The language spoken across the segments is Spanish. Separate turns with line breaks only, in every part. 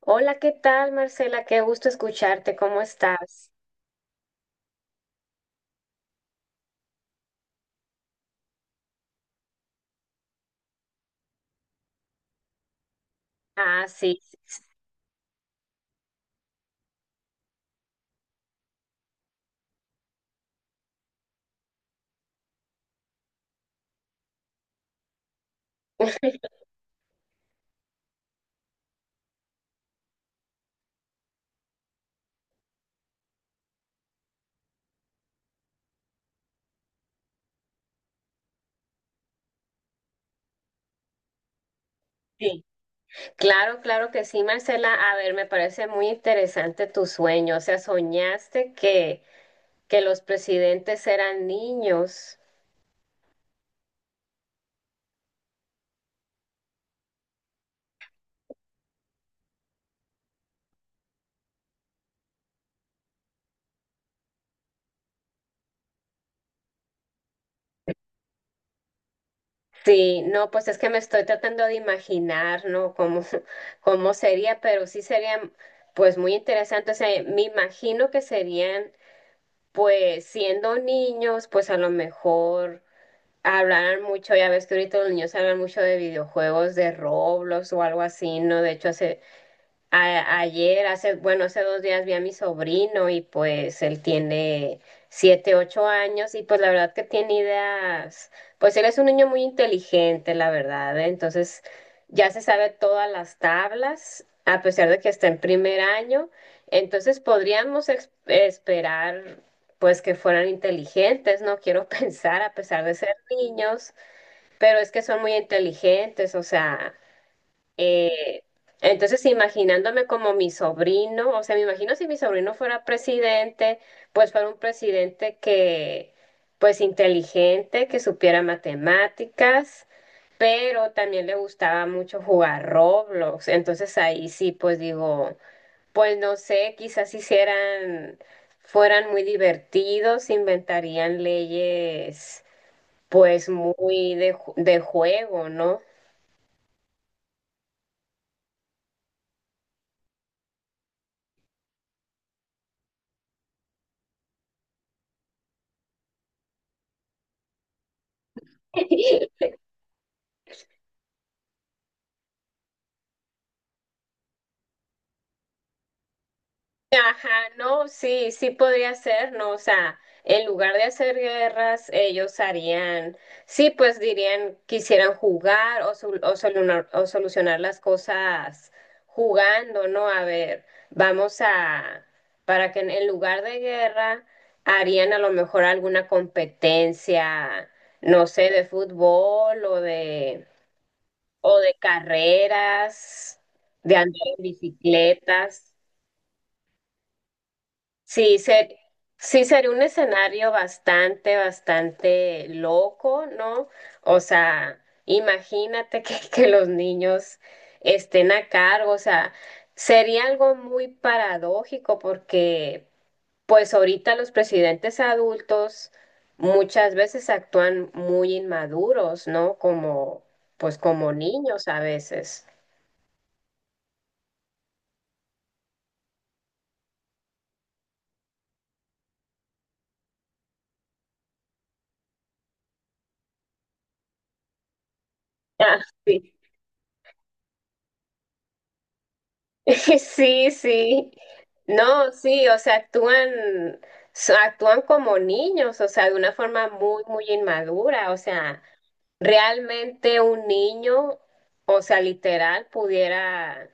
Hola, ¿qué tal, Marcela? Qué gusto escucharte. ¿Cómo estás? Ah, sí, sí. Claro, claro que sí, Marcela. A ver, me parece muy interesante tu sueño. O sea, soñaste que los presidentes eran niños. Sí, no, pues es que me estoy tratando de imaginar, ¿no? Cómo, cómo sería, pero sí sería, pues, muy interesante. O sea, me imagino que serían, pues, siendo niños, pues a lo mejor hablaran mucho, ya ves que ahorita los niños hablan mucho de videojuegos de Roblox o algo así, ¿no? De hecho, hace, ayer, hace, bueno, hace 2 días vi a mi sobrino y pues él tiene 7, 8 años y pues la verdad que tiene ideas, pues él es un niño muy inteligente, la verdad, ¿eh? Entonces ya se sabe todas las tablas, a pesar de que está en primer año, entonces podríamos esperar pues que fueran inteligentes, no quiero pensar a pesar de ser niños, pero es que son muy inteligentes, o sea... Eh, entonces, imaginándome como mi sobrino, o sea, me imagino si mi sobrino fuera presidente, pues fuera un presidente que, pues inteligente, que supiera matemáticas, pero también le gustaba mucho jugar Roblox. Entonces ahí sí, pues digo, pues no sé, quizás si hicieran, fueran muy divertidos, inventarían leyes, pues muy de, de juego, ¿no? Ajá, no, sí, sí podría ser, ¿no? O sea, en lugar de hacer guerras, ellos harían, sí, pues dirían, quisieran jugar o solucionar las cosas jugando, ¿no? A ver, vamos a, para que en lugar de guerra, harían a lo mejor alguna competencia, no sé, de fútbol o de carreras, de andar en bicicletas. Sí, ser, sí sería un escenario bastante, bastante loco, ¿no? O sea, imagínate que, que los niños estén a cargo, o sea, sería algo muy paradójico porque pues ahorita los presidentes adultos muchas veces actúan muy inmaduros, ¿no? Como, pues como niños a veces. Ah, sí. Sí, sí. No, sí, o sea, actúan, actúan como niños, o sea, de una forma muy, muy inmadura, o sea, realmente un niño, o sea, literal, pudiera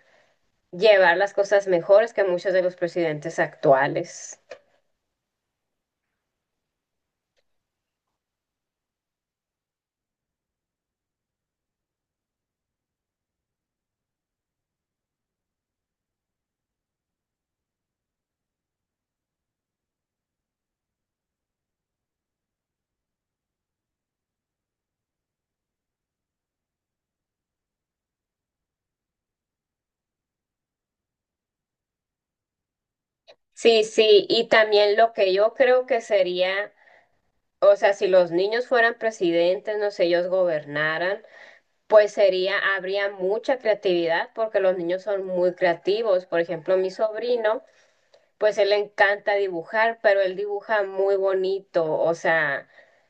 llevar las cosas mejores que muchos de los presidentes actuales. Sí, sí, y también lo que yo creo que sería, o sea, si los niños fueran presidentes, no sé, ellos gobernaran. Pues sería, habría mucha creatividad porque los niños son muy creativos. Por ejemplo, mi sobrino, pues él le encanta dibujar, pero él dibuja muy bonito, o sea,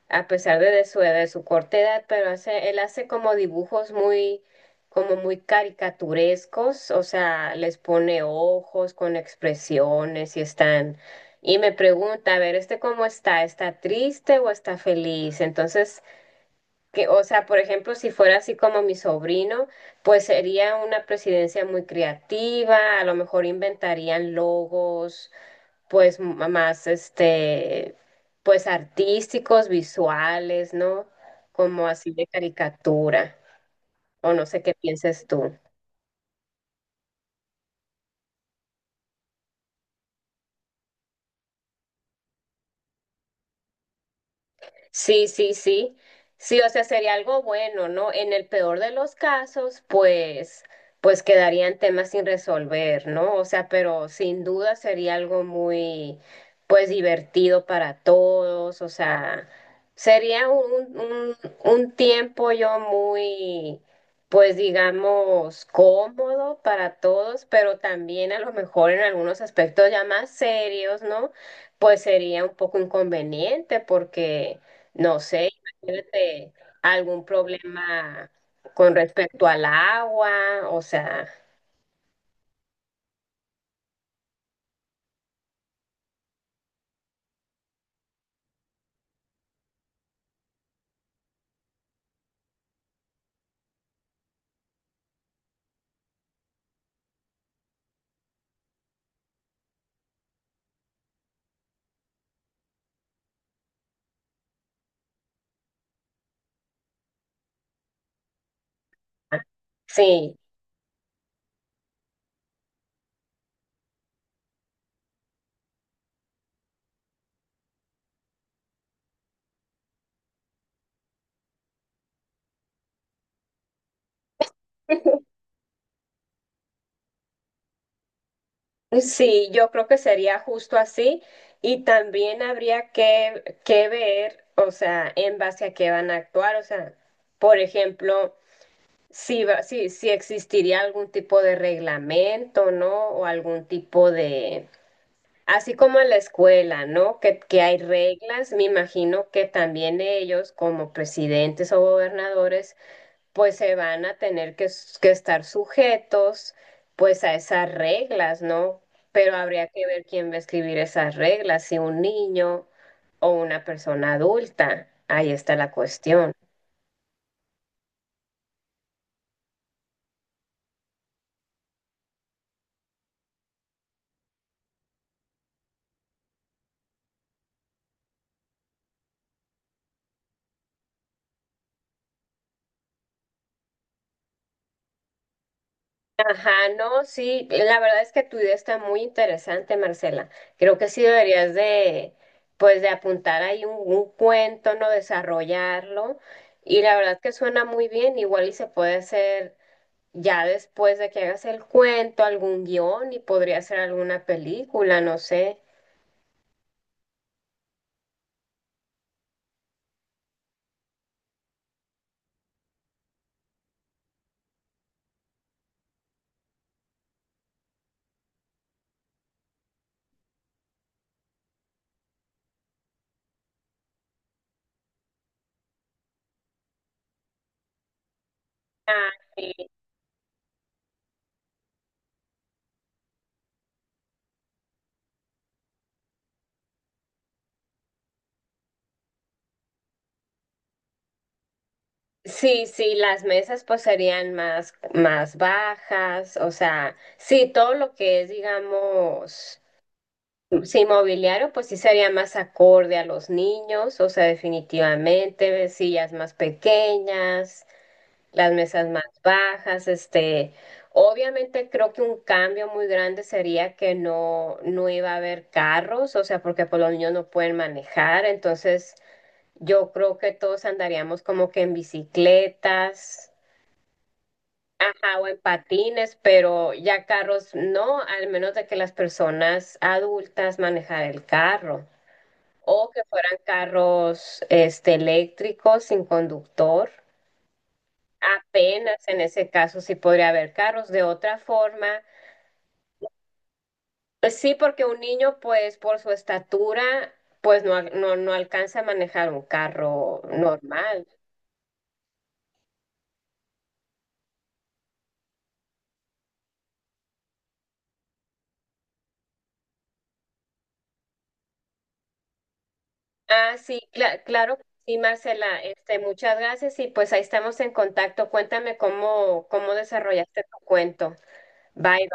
a pesar de su edad, de su corta edad, pero hace, él hace como dibujos muy, como muy caricaturescos, o sea, les pone ojos con expresiones y están, y me pregunta, a ver, ¿este cómo está? ¿Está triste o está feliz? Entonces... Que, o sea, por ejemplo, si fuera así como mi sobrino, pues sería una presidencia muy creativa, a lo mejor inventarían logos, pues más, este, pues artísticos, visuales, ¿no? Como así de caricatura, o no sé qué pienses tú. Sí, sí, sí. Sí, o sea, sería algo bueno, ¿no? En el peor de los casos, pues, pues quedarían temas sin resolver, ¿no? O sea, pero sin duda sería algo muy, pues, divertido para todos. O sea, sería un tiempo yo muy, pues, digamos, cómodo para todos, pero también a lo mejor en algunos aspectos ya más serios, ¿no? Pues sería un poco inconveniente porque no sé, imagínate algún problema con respecto al agua, o sea, sí, sí, yo creo que sería justo así y también habría que ver, o sea, en base a qué van a actuar, o sea, por ejemplo, si existiría algún tipo de reglamento, ¿no? O algún tipo de... Así como en la escuela, ¿no? Que hay reglas, me imagino que también ellos, como presidentes o gobernadores, pues se van a tener que, que estar sujetos, pues a esas reglas, ¿no? Pero habría que ver quién va a escribir esas reglas, si un niño o una persona adulta. Ahí está la cuestión. Ajá, no, sí, la verdad es que tu idea está muy interesante, Marcela. Creo que sí deberías de, pues, de apuntar ahí un cuento, ¿no? Desarrollarlo. Y la verdad que suena muy bien, igual y se puede hacer ya después de que hagas el cuento, algún guión y podría ser alguna película, no sé. Ah, sí. Sí, sí, las mesas pues serían más, más bajas, o sea, sí, todo lo que es, digamos. Sí, inmobiliario, pues sí sería más acorde a los niños, o sea, definitivamente, sillas más pequeñas, las mesas más bajas, este, obviamente creo que un cambio muy grande sería que no, no iba a haber carros, o sea, porque pues los niños no pueden manejar, entonces yo creo que todos andaríamos como que en bicicletas, ajá, o en patines, pero ya carros no, al menos de que las personas adultas manejar el carro o que fueran carros este, eléctricos sin conductor. Apenas en ese caso sí podría haber carros. De otra forma, pues sí, porque un niño, pues por su estatura, pues no, no alcanza a manejar un carro normal. Ah, sí, claro que sí, Marcela. Este, muchas gracias y pues ahí estamos en contacto. Cuéntame cómo, cómo desarrollaste tu cuento. Bye.